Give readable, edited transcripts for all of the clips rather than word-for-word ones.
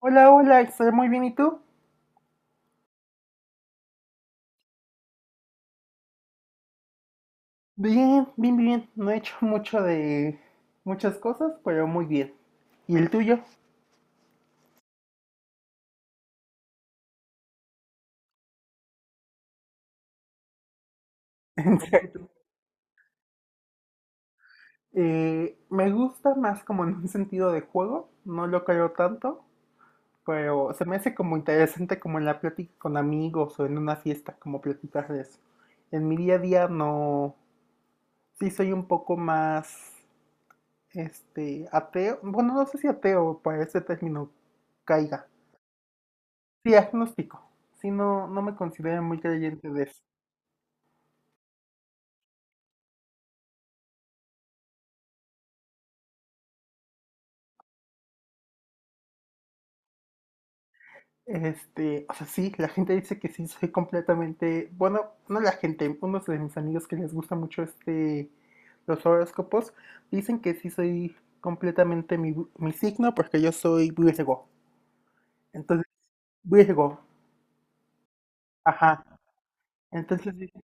Hola, hola, estoy muy bien, ¿y tú? Bien, bien, bien. No he hecho mucho de muchas cosas, pero muy bien. ¿Y el tuyo? En me gusta más como en un sentido de juego, no lo creo tanto, pero se me hace como interesante como en la plática con amigos o en una fiesta, como platicar de eso. En mi día a día no, sí soy un poco más, ateo, bueno, no sé si ateo para ese término caiga. Sí, agnóstico. Sí, no, no me considero muy creyente de eso. O sea, sí, la gente dice que sí, soy completamente, bueno, no la gente, unos de mis amigos que les gusta mucho los horóscopos, dicen que sí soy completamente mi signo porque yo soy Virgo. Entonces, Virgo, ajá. Entonces, dije,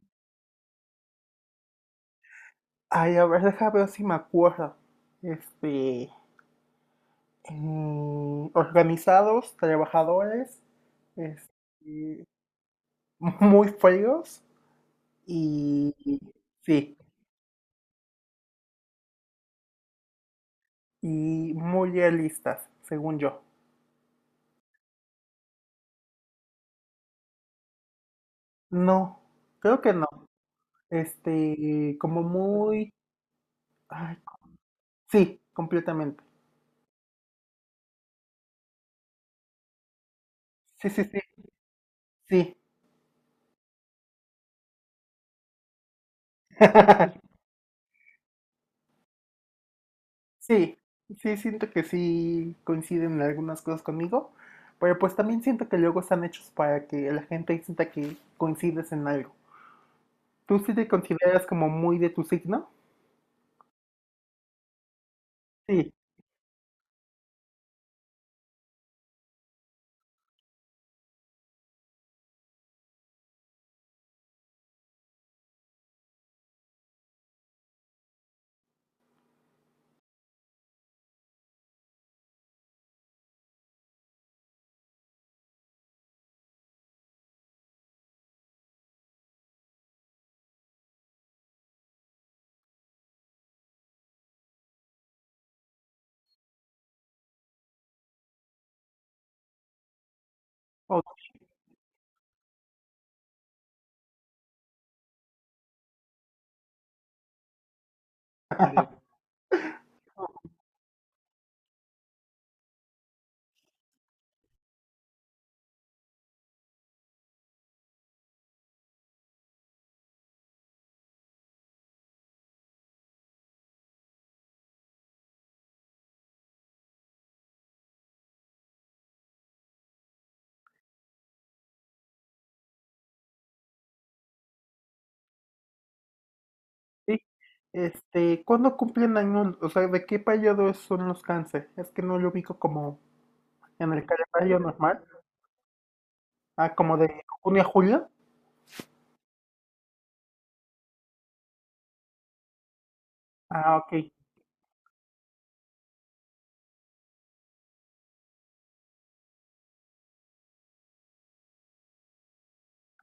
ay, a ver, déjame ver si me acuerdo. Este, organizados, trabajadores, este, muy feos y sí, y muy realistas, según yo. No, creo que no. Este, como muy, ay, sí, completamente. Sí, sí, sí, sí. Sí, sí, siento que sí coinciden en algunas cosas conmigo, pero pues también siento que luego están hechos para que la gente sienta que coincides en algo. ¿Tú sí te consideras como muy de tu signo? Sí. o- sí. ¿Cuándo cumplen años? O sea, ¿de qué periodo son los cáncer? Es que no lo ubico como en el calendario normal. Ah, como de junio a julio. Ah, ok.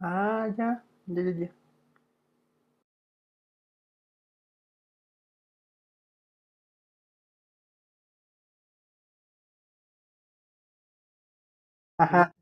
Ah, ya, ya, ya, ya. Ajá.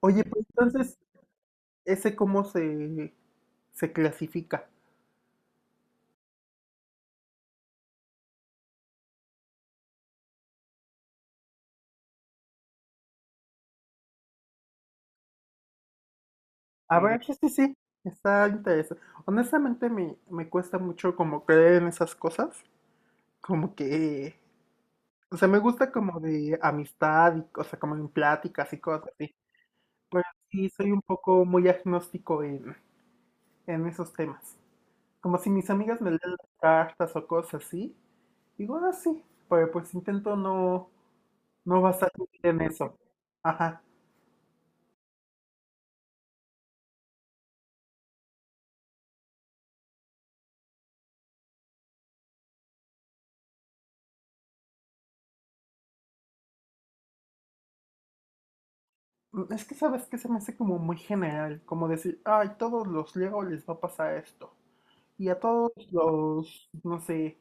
Oye, pues entonces, ¿ese cómo se, ¿se clasifica? A ver, sí, sí, sí. Está interesante. Honestamente, me cuesta mucho como creer en esas cosas. Como que, o sea, me gusta como de amistad y, o sea, como en pláticas y cosas así. Pues sí, soy un poco muy agnóstico en esos temas. Como si mis amigas me leen las cartas o cosas así, digo, ah, sí, pero pues intento no, no basarme en eso. Ajá. Es que sabes que se me hace como muy general, como decir, ay, todos los Leo les va a pasar esto. Y a todos los, no sé,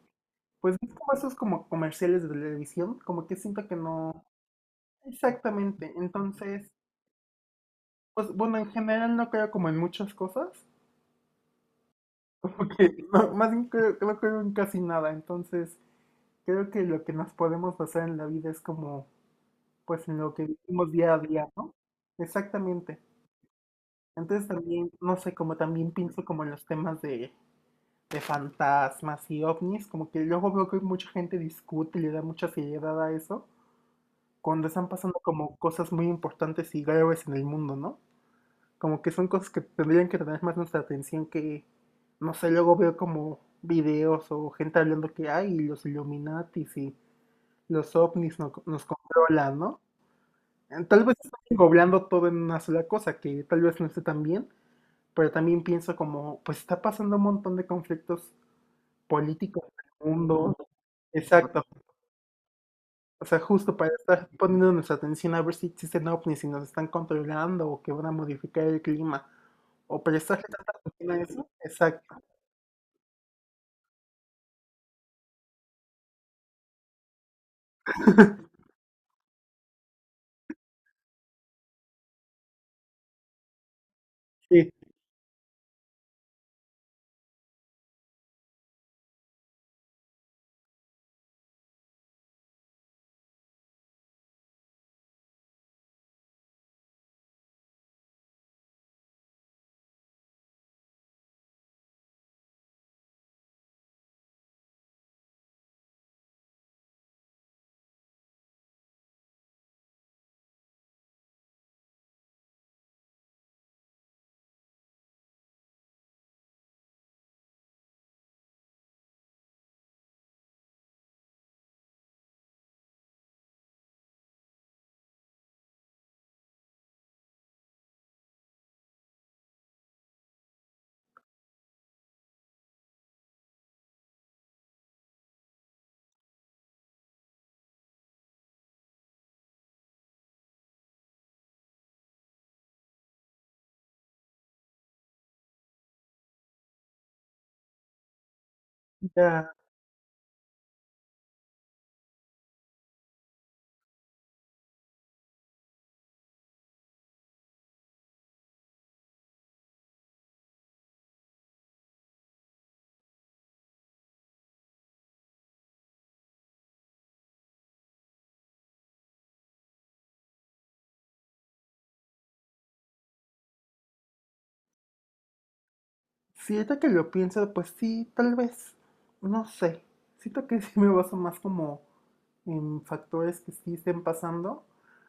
pues es como esos como comerciales de televisión, como que siento que no. Exactamente. Entonces, pues bueno, en general no creo como en muchas cosas. Porque no, más bien creo que no en casi nada. Entonces, creo que lo que nos podemos basar en la vida es como, pues, en lo que vivimos día a día, ¿no? Exactamente. Entonces también, no sé, como también pienso como en los temas de fantasmas y ovnis, como que luego veo que mucha gente discute y le da mucha seriedad a eso, cuando están pasando como cosas muy importantes y graves en el mundo, ¿no? Como que son cosas que tendrían que tener más nuestra atención que, no sé, luego veo como videos o gente hablando que hay los Illuminatis y los ovnis nos controlan, ¿no? Tal vez están englobando todo en una sola cosa, que tal vez no esté tan bien, pero también pienso como, pues está pasando un montón de conflictos políticos en el mundo. Exacto. O sea, justo para estar poniendo nuestra atención a ver si existen ovnis, y nos están controlando o que van a modificar el clima, o prestarle tanta atención a eso. Exacto. Sí, ya, si ahorita que lo pienso, pues sí, tal vez, no sé, siento que sí me baso más como en factores que sí estén pasando,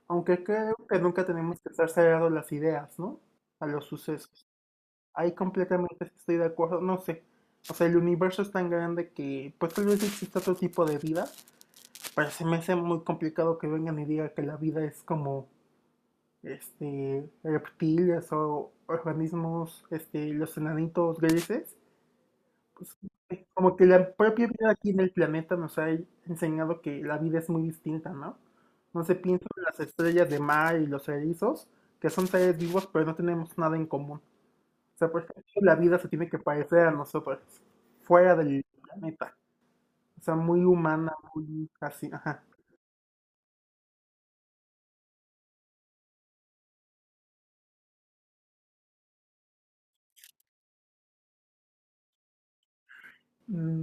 aunque creo que nunca tenemos que estar cerrados las ideas, ¿no? A los sucesos. Ahí completamente estoy de acuerdo, no sé, o sea, el universo es tan grande que pues tal vez exista otro tipo de vida, pero se me hace muy complicado que vengan y digan que la vida es como reptiles o organismos, los enanitos grises, pues como que la propia vida aquí en el planeta nos ha enseñado que la vida es muy distinta, ¿no? No se piensa en las estrellas de mar y los erizos, que son seres vivos, pero no tenemos nada en común. O sea, por ejemplo, la vida se tiene que parecer a nosotros, fuera del planeta. O sea, muy humana, muy así, ajá. Mm,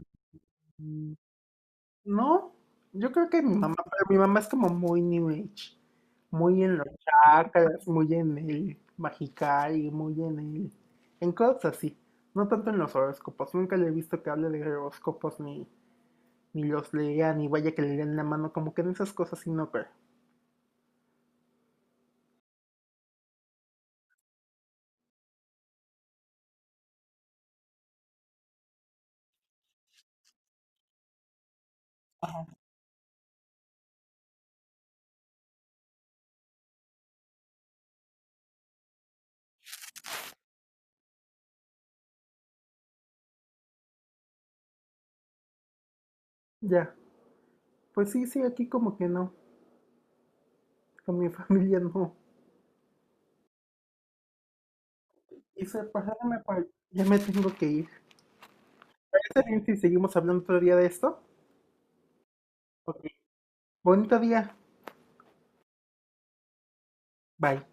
No, yo creo que mi mamá, pero mi mamá es como muy New Age, muy en los chakras, muy en el Magical, muy en cosas así, no tanto en los horóscopos, nunca le he visto que hable de horóscopos ni, ni los lea, ni vaya que le den la mano, como que en esas cosas sí no creo. Ya, pues sí, sí, aquí como que no, con mi familia no. Y se pasaron por, ya me tengo que ir. ¿Parece bien si seguimos hablando otro día de esto? Ok, bonito día, bye.